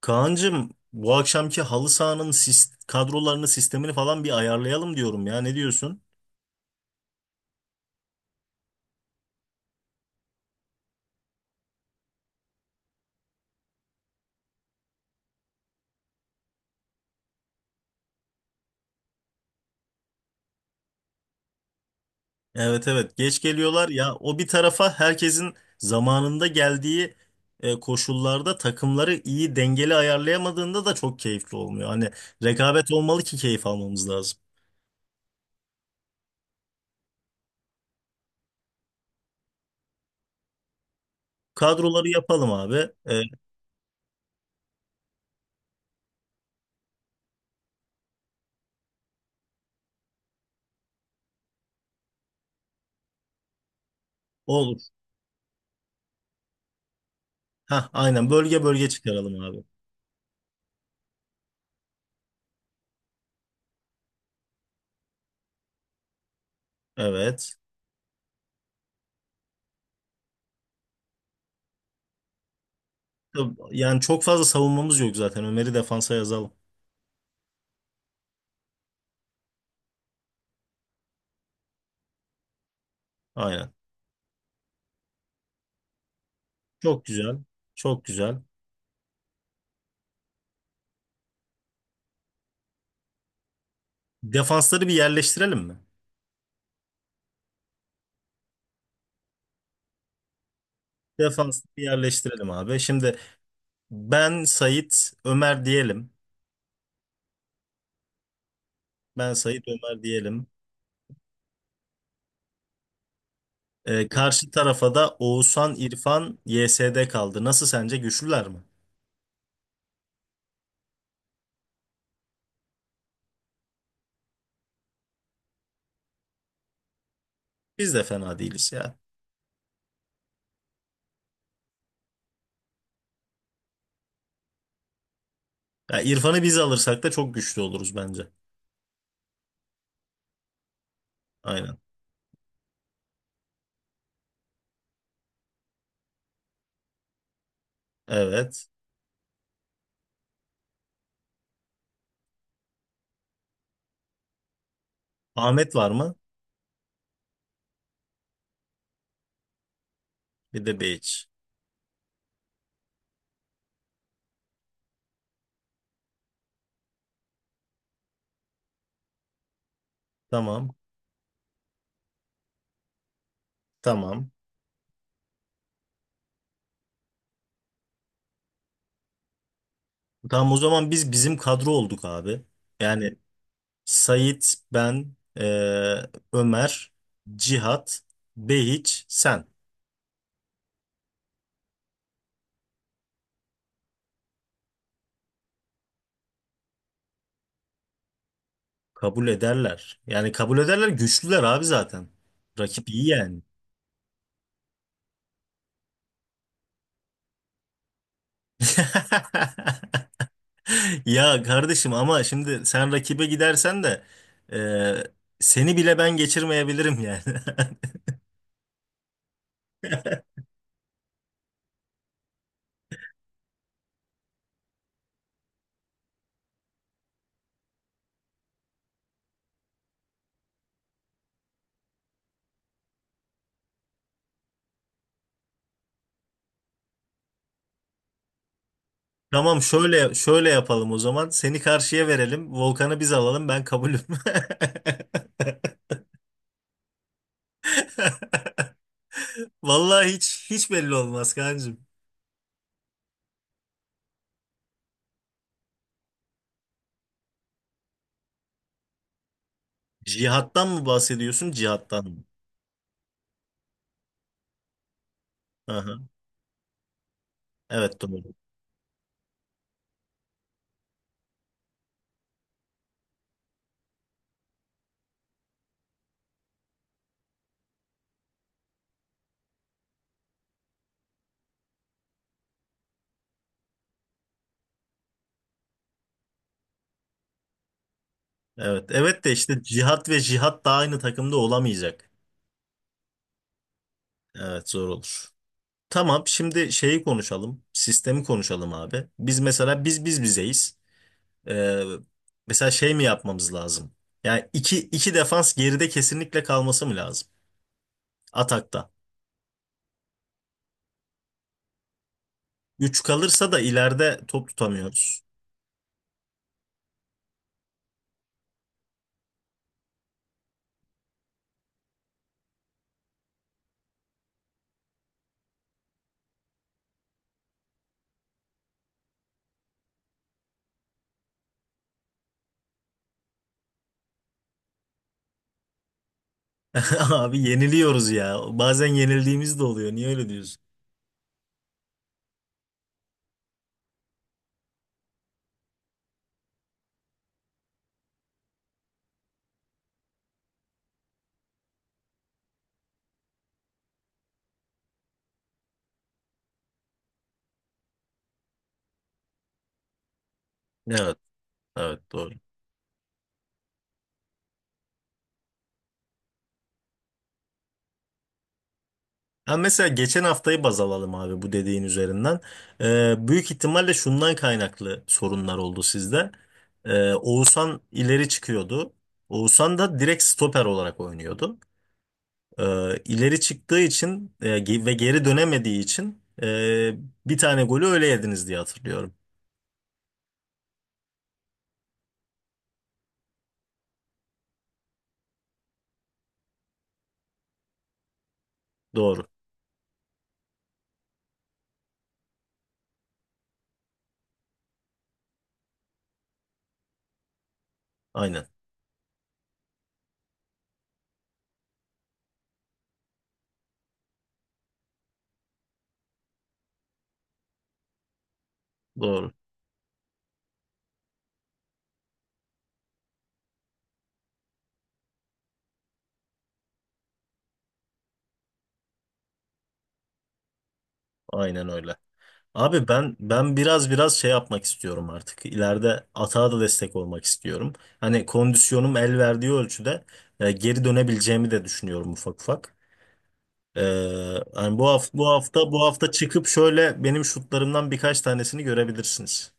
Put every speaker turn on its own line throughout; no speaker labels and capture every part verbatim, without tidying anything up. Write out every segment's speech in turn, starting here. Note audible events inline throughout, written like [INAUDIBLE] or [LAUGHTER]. Kaan'cığım bu akşamki halı sahanın sis- kadrolarını sistemini falan bir ayarlayalım diyorum ya ne diyorsun? Evet, evet, geç geliyorlar ya o bir tarafa herkesin zamanında geldiği e, koşullarda takımları iyi dengeli ayarlayamadığında da çok keyifli olmuyor. Hani rekabet olmalı ki keyif almamız lazım. Kadroları yapalım abi. E, olur. Ha, aynen bölge bölge çıkaralım abi. Evet. Yani çok fazla savunmamız yok zaten. Ömer'i defansa yazalım. Aynen. Çok güzel. Çok güzel. Defansları bir yerleştirelim mi? Defansları bir yerleştirelim abi. Şimdi ben Sait Ömer diyelim. Ben Sait Ömer diyelim. Ee, karşı tarafa da Oğuzhan, İrfan, Y S D kaldı. Nasıl sence güçlüler mi? Biz de fena değiliz ya. Ya İrfan'ı biz alırsak da çok güçlü oluruz bence. Aynen. Evet. Ahmet var mı? Bir de Beyiç. Tamam. Tamam. Tamam, o zaman biz bizim kadro olduk abi. Yani Sait, ben, eee, Ömer, Cihat, Behiç, sen. Kabul ederler. Yani kabul ederler, güçlüler abi zaten. Rakip iyi yani. [LAUGHS] Ya kardeşim, ama şimdi sen rakibe gidersen de eee, seni bile ben geçirmeyebilirim yani. [LAUGHS] Tamam, şöyle şöyle yapalım o zaman. Seni karşıya verelim. Volkan'ı biz alalım. Ben kabulüm. [LAUGHS] Vallahi hiç hiç belli olmaz kancım. Cihattan mı bahsediyorsun? Cihattan mı? Aha. Evet doğru. Evet. Evet de işte cihat ve cihat da aynı takımda olamayacak. Evet, zor olur. Tamam, şimdi şeyi konuşalım. Sistemi konuşalım abi. Biz mesela biz biz bizeyiz. Ee, Mesela şey mi yapmamız lazım? Yani iki, iki defans geride kesinlikle kalması mı lazım? Atakta. Üç kalırsa da ileride top tutamıyoruz. [LAUGHS] Abi yeniliyoruz ya. Bazen yenildiğimiz de oluyor. Niye öyle diyorsun? Evet. Evet, doğru. Ha, mesela geçen haftayı baz alalım abi bu dediğin üzerinden. Ee, büyük ihtimalle şundan kaynaklı sorunlar oldu sizde. Ee, Oğuzhan ileri çıkıyordu. Oğuzhan da direkt stoper olarak oynuyordu. Ee, ileri çıktığı için e, ge- ve geri dönemediği için e, bir tane golü öyle yediniz diye hatırlıyorum. Doğru. Aynen. Doğru. Aynen öyle. Abi ben ben biraz biraz şey yapmak istiyorum artık. İleride atağa da destek olmak istiyorum. Hani kondisyonum el verdiği ölçüde e, geri dönebileceğimi de düşünüyorum ufak ufak. Ee, Hani bu hafta bu hafta bu hafta çıkıp şöyle benim şutlarımdan birkaç tanesini görebilirsiniz.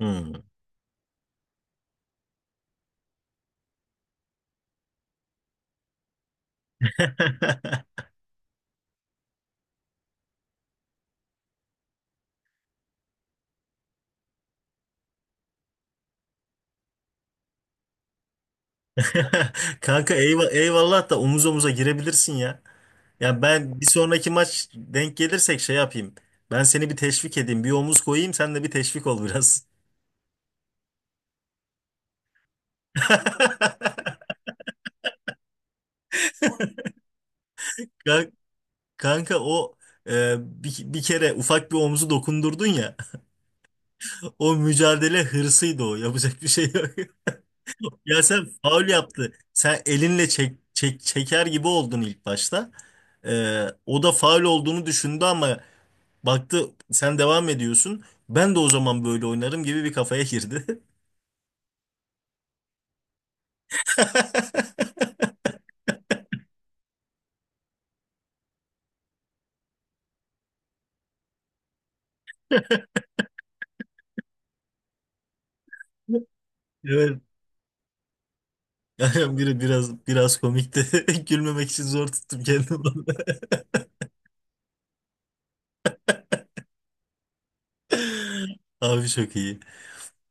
Hmm. [LAUGHS] Kanka, eyva- eyvallah da omuz omuza girebilirsin ya. Ya ben bir sonraki maç denk gelirsek şey yapayım. Ben seni bir teşvik edeyim. Bir omuz koyayım, sen de bir teşvik ol biraz. [LAUGHS] Ka- Kanka o e, bir, bir kere ufak bir omuzu dokundurdun ya. [LAUGHS] O mücadele hırsıydı o. Yapacak bir şey yok. [LAUGHS] Ya sen faul yaptı. Sen elinle çek, çek, çeker gibi oldun ilk başta. E, o da faul olduğunu düşündü ama baktı sen devam ediyorsun. Ben de o zaman böyle oynarım gibi bir kafaya girdi. [LAUGHS] Evet. Yani biri biraz biraz komikti. [LAUGHS] Gülmemek için zor tuttum kendimi. [LAUGHS] Abi çok iyi.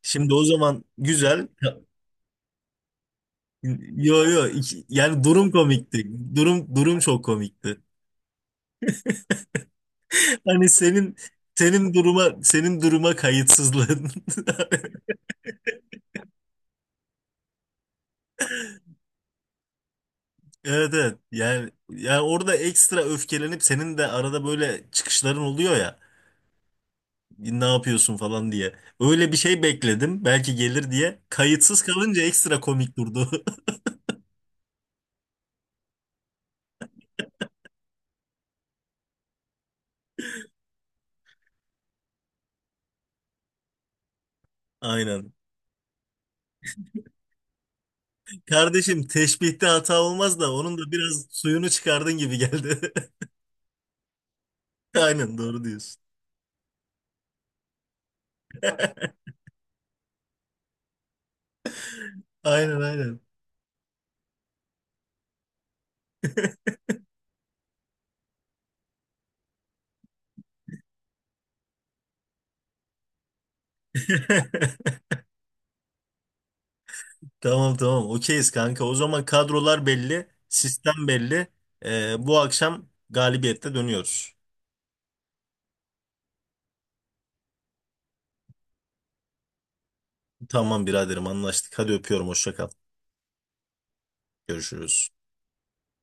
Şimdi o zaman güzel. Yo yo iki- yani durum komikti. Durum durum çok komikti. [LAUGHS] Hani senin senin duruma senin duruma kayıtsızlığın. [LAUGHS] Evet, evet. Yani yani orada ekstra öfkelenip senin de arada böyle çıkışların oluyor ya. Ne yapıyorsun falan diye. Öyle bir şey bekledim. Belki gelir diye. Kayıtsız kalınca ekstra komik durdu. [LAUGHS] Aynen. Kardeşim teşbihte hata olmaz da onun da biraz suyunu çıkardın gibi geldi. [LAUGHS] Aynen, doğru diyorsun. Aynen, aynen. [LAUGHS] Tamam, tamam, okeyiz kanka. O zaman kadrolar belli, sistem belli. Ee, bu akşam galibiyette dönüyoruz. Tamam biraderim, anlaştık. Hadi öpüyorum, hoşça kal. Görüşürüz.